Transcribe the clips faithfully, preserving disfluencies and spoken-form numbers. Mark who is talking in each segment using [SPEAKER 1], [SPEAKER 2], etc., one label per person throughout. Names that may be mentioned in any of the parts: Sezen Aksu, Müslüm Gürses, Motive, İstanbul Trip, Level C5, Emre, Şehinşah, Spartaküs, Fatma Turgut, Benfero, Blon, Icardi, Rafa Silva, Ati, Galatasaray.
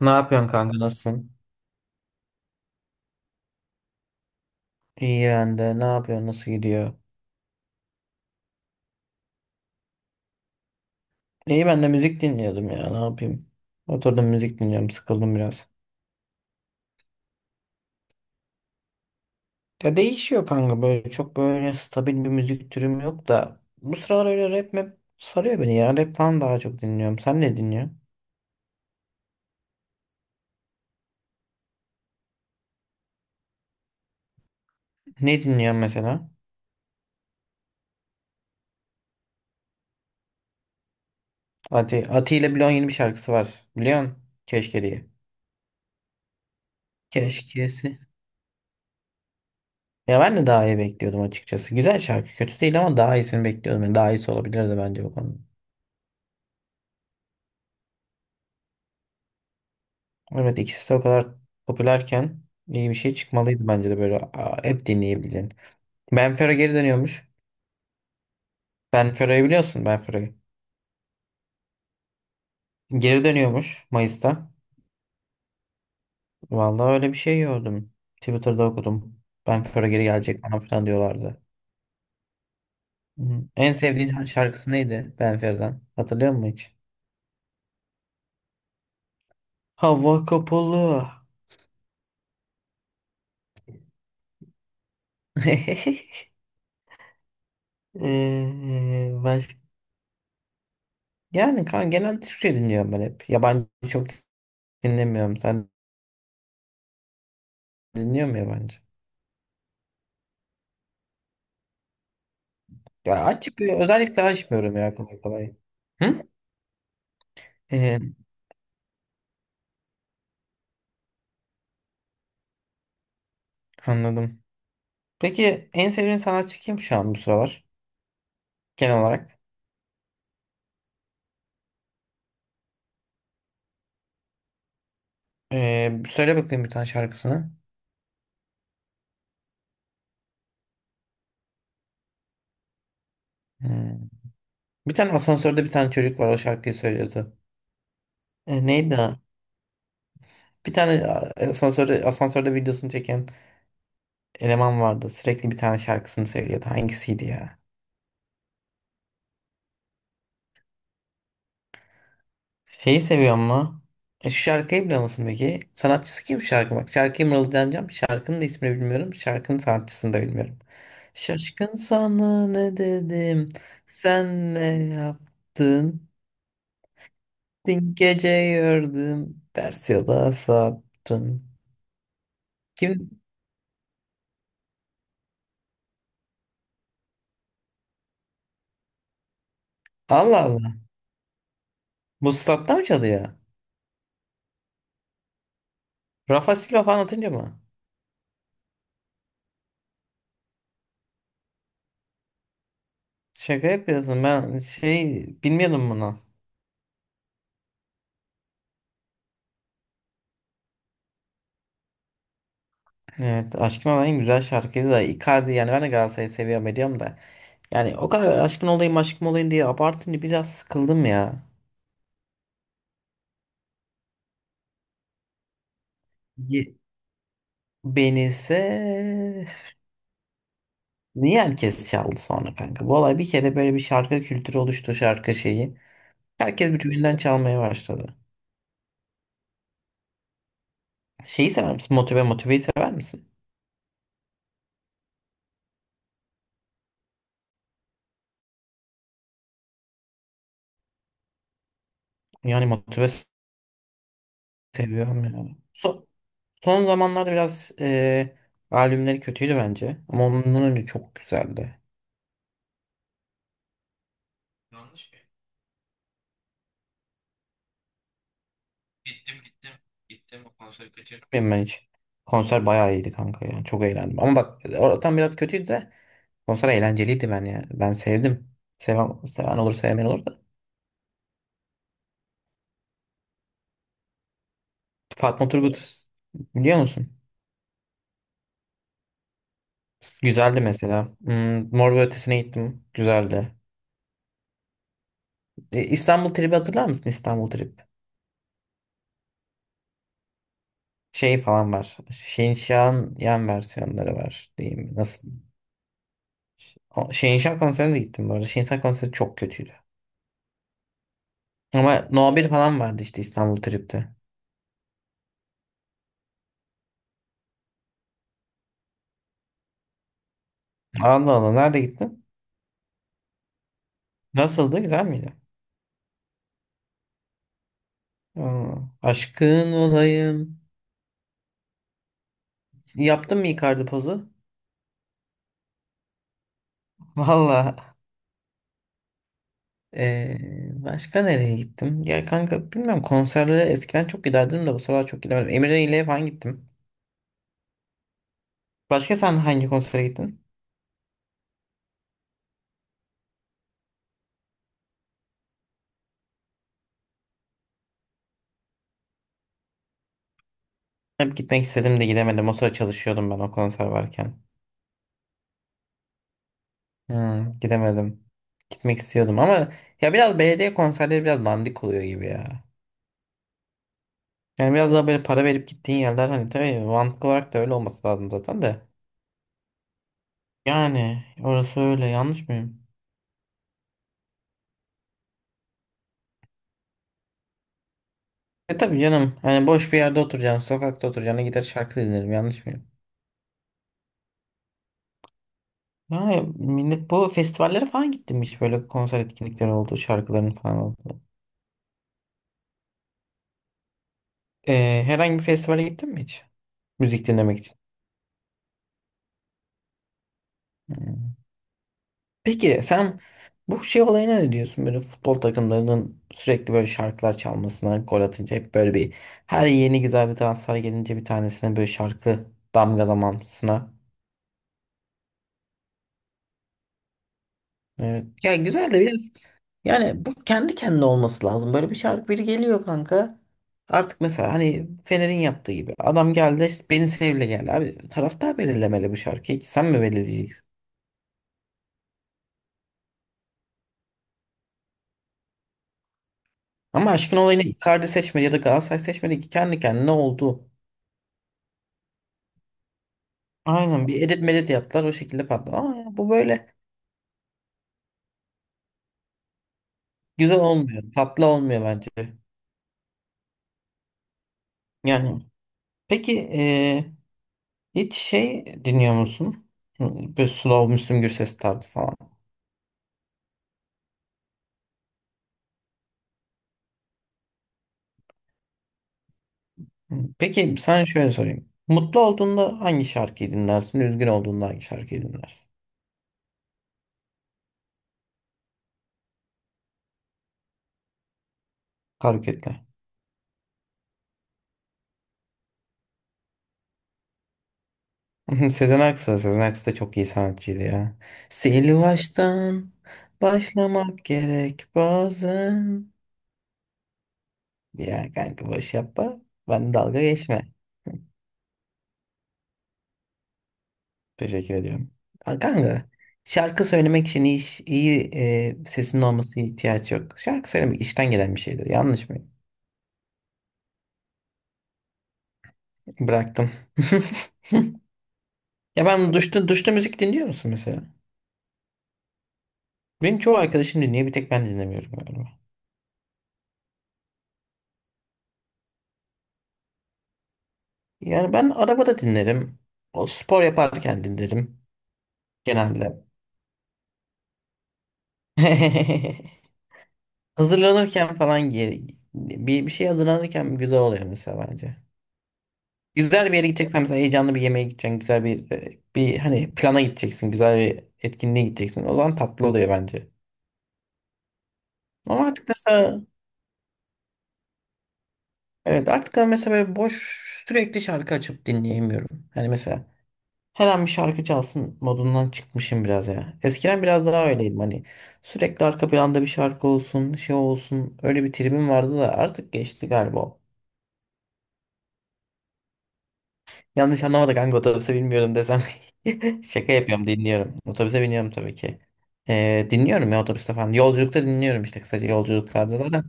[SPEAKER 1] Ne yapıyorsun kanka, nasılsın? İyi ben de. Ne yapıyorsun? Nasıl gidiyor? İyi ben de, müzik dinliyordum ya. Ne yapayım? Oturdum, müzik dinliyorum. Sıkıldım biraz. Ya değişiyor kanka böyle. Çok böyle stabil bir müzik türüm yok da. Bu sıralar öyle rap map sarıyor beni ya. Rap falan daha çok dinliyorum. Sen ne dinliyorsun? Ne dinliyorsun mesela? Ati, Ati ile Blon yeni bir şarkısı var. Biliyorsun? Keşke diye. Keşkesi. Ya ben de daha iyi bekliyordum açıkçası. Güzel şarkı. Kötü değil ama daha iyisini bekliyordum. Yani daha iyisi olabilirdi bence bu konuda. Evet, ikisi de o kadar popülerken iyi bir şey çıkmalıydı bence de, böyle aa, hep dinleyebileceğin. Benfero geri dönüyormuş. Benfero'yu biliyorsun, Benfero'yu. Geri dönüyormuş Mayıs'ta. Vallahi öyle bir şey gördüm. Twitter'da okudum. Benfero geri gelecek falan filan diyorlardı. Hı. En sevdiğin şarkısı neydi Benfero'dan? Hatırlıyor musun hiç? Hava kapalı. Ee, baş- Yani kan, genel Türkçe dinliyorum ben hep. Yabancı çok dinlemiyorum. Sen dinliyor musun yabancı? Ya açık, bir özellikle açmıyorum ya kolay kolay. Hı? Ee, Anladım. Peki en sevdiğin sanatçı kim şu an, bu sıralar? Genel olarak. Ee, söyle bakayım bir tane şarkısını. Hmm. Bir tane asansörde bir tane çocuk var, o şarkıyı söylüyordu. Ee, neydi o? Bir tane asansörde, asansörde videosunu çeken eleman vardı. Sürekli bir tane şarkısını söylüyordu. Hangisiydi ya? Şeyi seviyor ama. E, şu şarkıyı biliyor musun peki? Sanatçısı kim şarkı? Bak, şarkıya mırıldanacağım. Şarkının da ismini bilmiyorum. Şarkının sanatçısını da bilmiyorum. Şaşkın, sana ne dedim? Sen ne yaptın? Dün gece gördüm. Ters yola saptın. Kim? Allah Allah. Bu statta mı çalıyor? Rafa Silva falan atınca mı? Şaka yapıyorsun. Ben şey bilmiyordum bunu. Evet, Aşkın Olayım en güzel şarkıydı da, Icardi yani, ben de Galatasaray'ı seviyorum ediyorum da. Yani o kadar aşkın olayım aşkın olayım diye abartınca biraz sıkıldım ya. Ye- Beni ise niye herkes çaldı sonra kanka? Bu olay bir kere böyle, bir şarkı kültürü oluştu, şarkı şeyi. Herkes birbirinden çalmaya başladı. Şeyi sever misin? Motive Motive'yi sever misin? Yani Motive seviyorum yani. Son, son zamanlarda biraz e, albümleri kötüydü bence. Ama ondan önce çok güzeldi. Gittim gittim. Gittim o konseri, kaçırdım. Bilmiyorum ben hiç. Konser bayağı iyiydi kanka ya. Çok eğlendim. Ama bak, oradan biraz kötüydü de konser eğlenceliydi ben ya. Ben sevdim. Seven, seven olur, sevmeyen olur da. Fatma Turgut, biliyor musun? Güzeldi mesela. Hmm, Mor ve Ötesi'ne gittim. Güzeldi. E, İstanbul Trip'i hatırlar mısın? İstanbul Trip. Şey falan var. Şehinşah'ın yan versiyonları var diyeyim. Nasıl? O- Şehinşah konserine de gittim bu arada. Şehinşah konseri çok kötüydü. Ama No bir falan vardı işte İstanbul Trip'te. Allah Allah, nerede gittin? Nasıldı? Güzel miydi? Aa, aşkın olayım. Yaptın mı Icardi pozu? Valla. Ee, Başka nereye gittim? Ya kanka, bilmiyorum, konserlere eskiden çok giderdim de bu sıralar çok gidemedim. Emre ile falan gittim. Başka sen hangi konsere gittin? Hep gitmek istedim de gidemedim. O sıra çalışıyordum ben o konser varken. Hmm, gidemedim. Gitmek istiyordum ama ya biraz belediye konserleri biraz dandik oluyor gibi ya. Yani biraz daha böyle para verip gittiğin yerler, hani tabii mantıklı olarak da öyle olması lazım zaten de. Yani orası öyle, yanlış mıyım? E tabii canım, hani boş bir yerde oturacaksın, sokakta oturacaksın, gider şarkı dinlerim, yanlış mıyım? Yani millet, bu festivallere falan gittin mi hiç? Böyle konser etkinlikleri oldu, şarkıların falan oldu. E, herhangi bir festivale gittin mi hiç? Müzik dinlemek için. Hmm. Peki sen bu şey olayına ne diyorsun? Böyle futbol takımlarının sürekli böyle şarkılar çalmasına, gol atınca hep böyle bir, her yeni güzel bir transfer gelince bir tanesine böyle şarkı damgalamasına. Evet. Ya güzel de biraz, yani bu kendi kendine olması lazım. Böyle bir şarkı, biri geliyor kanka. Artık mesela hani Fener'in yaptığı gibi, adam geldi işte, beni sevle geldi abi, taraftar belirlemeli bu şarkıyı, sen mi belirleyeceksin? Ama aşkın olayını Icardi seçmedi ya da Galatasaray seçmedi ki, kendi kendine oldu. Aynen, bir edit medit yaptılar, o şekilde patladı. Ama ya bu böyle güzel olmuyor. Tatlı olmuyor bence. Yani peki eee, hiç şey dinliyor musun? Hı, Böyle slow Müslüm Gürses tarzı falan. Hı, peki sana şöyle sorayım. Mutlu olduğunda hangi şarkıyı dinlersin? Üzgün olduğunda hangi şarkıyı dinlersin? Hareketle. Sezen Aksu. Sezen Aksu da çok iyi sanatçıydı ya. Sil baştan başlamak gerek bazen. Ya kanka, boş yapma. Ben, dalga geçme. Teşekkür ediyorum. Aa, kanka, şarkı söylemek için iyi, iş- iyi e, sesinin olması ihtiyaç yok. Şarkı söylemek işten gelen bir şeydir. Yanlış mı? Bıraktım. Ya ben duşta, duşta müzik dinliyor musun mesela? Benim çoğu arkadaşım dinliyor. Bir tek ben dinlemiyorum galiba. Yani ben arabada dinlerim. O, spor yaparken dinlerim. Genelde. Hazırlanırken falan gi- bir, bir şey hazırlanırken güzel oluyor mesela bence. Güzel bir yere gideceksen, mesela heyecanlı bir yemeğe gideceksin. Güzel bir e, bir hani plana gideceksin. Güzel bir etkinliğe gideceksin. O zaman tatlı oluyor bence. Ama artık mesela, evet, artık ben mesela böyle boş sürekli şarkı açıp dinleyemiyorum. Hani mesela her an bir şarkı çalsın modundan çıkmışım biraz ya. Eskiden biraz daha öyleydim hani. Sürekli arka planda bir şarkı olsun, şey olsun. Öyle bir tribim vardı da artık geçti galiba. Yanlış anlamadık, hangi otobüse bilmiyorum desem. Şaka yapıyorum, dinliyorum. Otobüse biniyorum tabii ki. Ee, dinliyorum ya otobüste falan. Yolculukta dinliyorum, işte kısaca yolculuklarda zaten.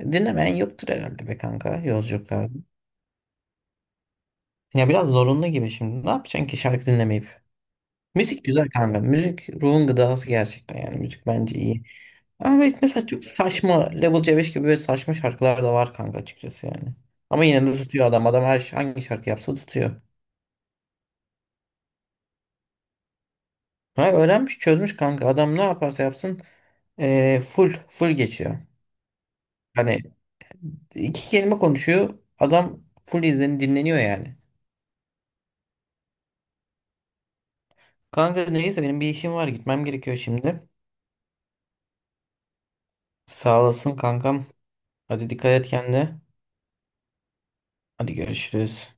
[SPEAKER 1] Dinlemeyen yoktur herhalde be kanka, yolculuklarda. Ya biraz zorunlu gibi şimdi. Ne yapacaksın ki şarkı dinlemeyip? Müzik güzel kanka. Müzik ruhun gıdası gerçekten yani. Müzik bence iyi. Ama evet, mesela çok saçma Level C beş gibi böyle saçma şarkılar da var kanka, açıkçası yani. Ama yine de tutuyor adam. Adam her hangi şarkı yapsa tutuyor. Ha, öğrenmiş, çözmüş kanka. Adam ne yaparsa yapsın eee, full full geçiyor. Hani iki kelime konuşuyor, adam full izleni dinleniyor yani. Kanka neyse, benim bir işim var, gitmem gerekiyor şimdi. Sağ olasın kankam. Hadi, dikkat et kendine. Hadi görüşürüz.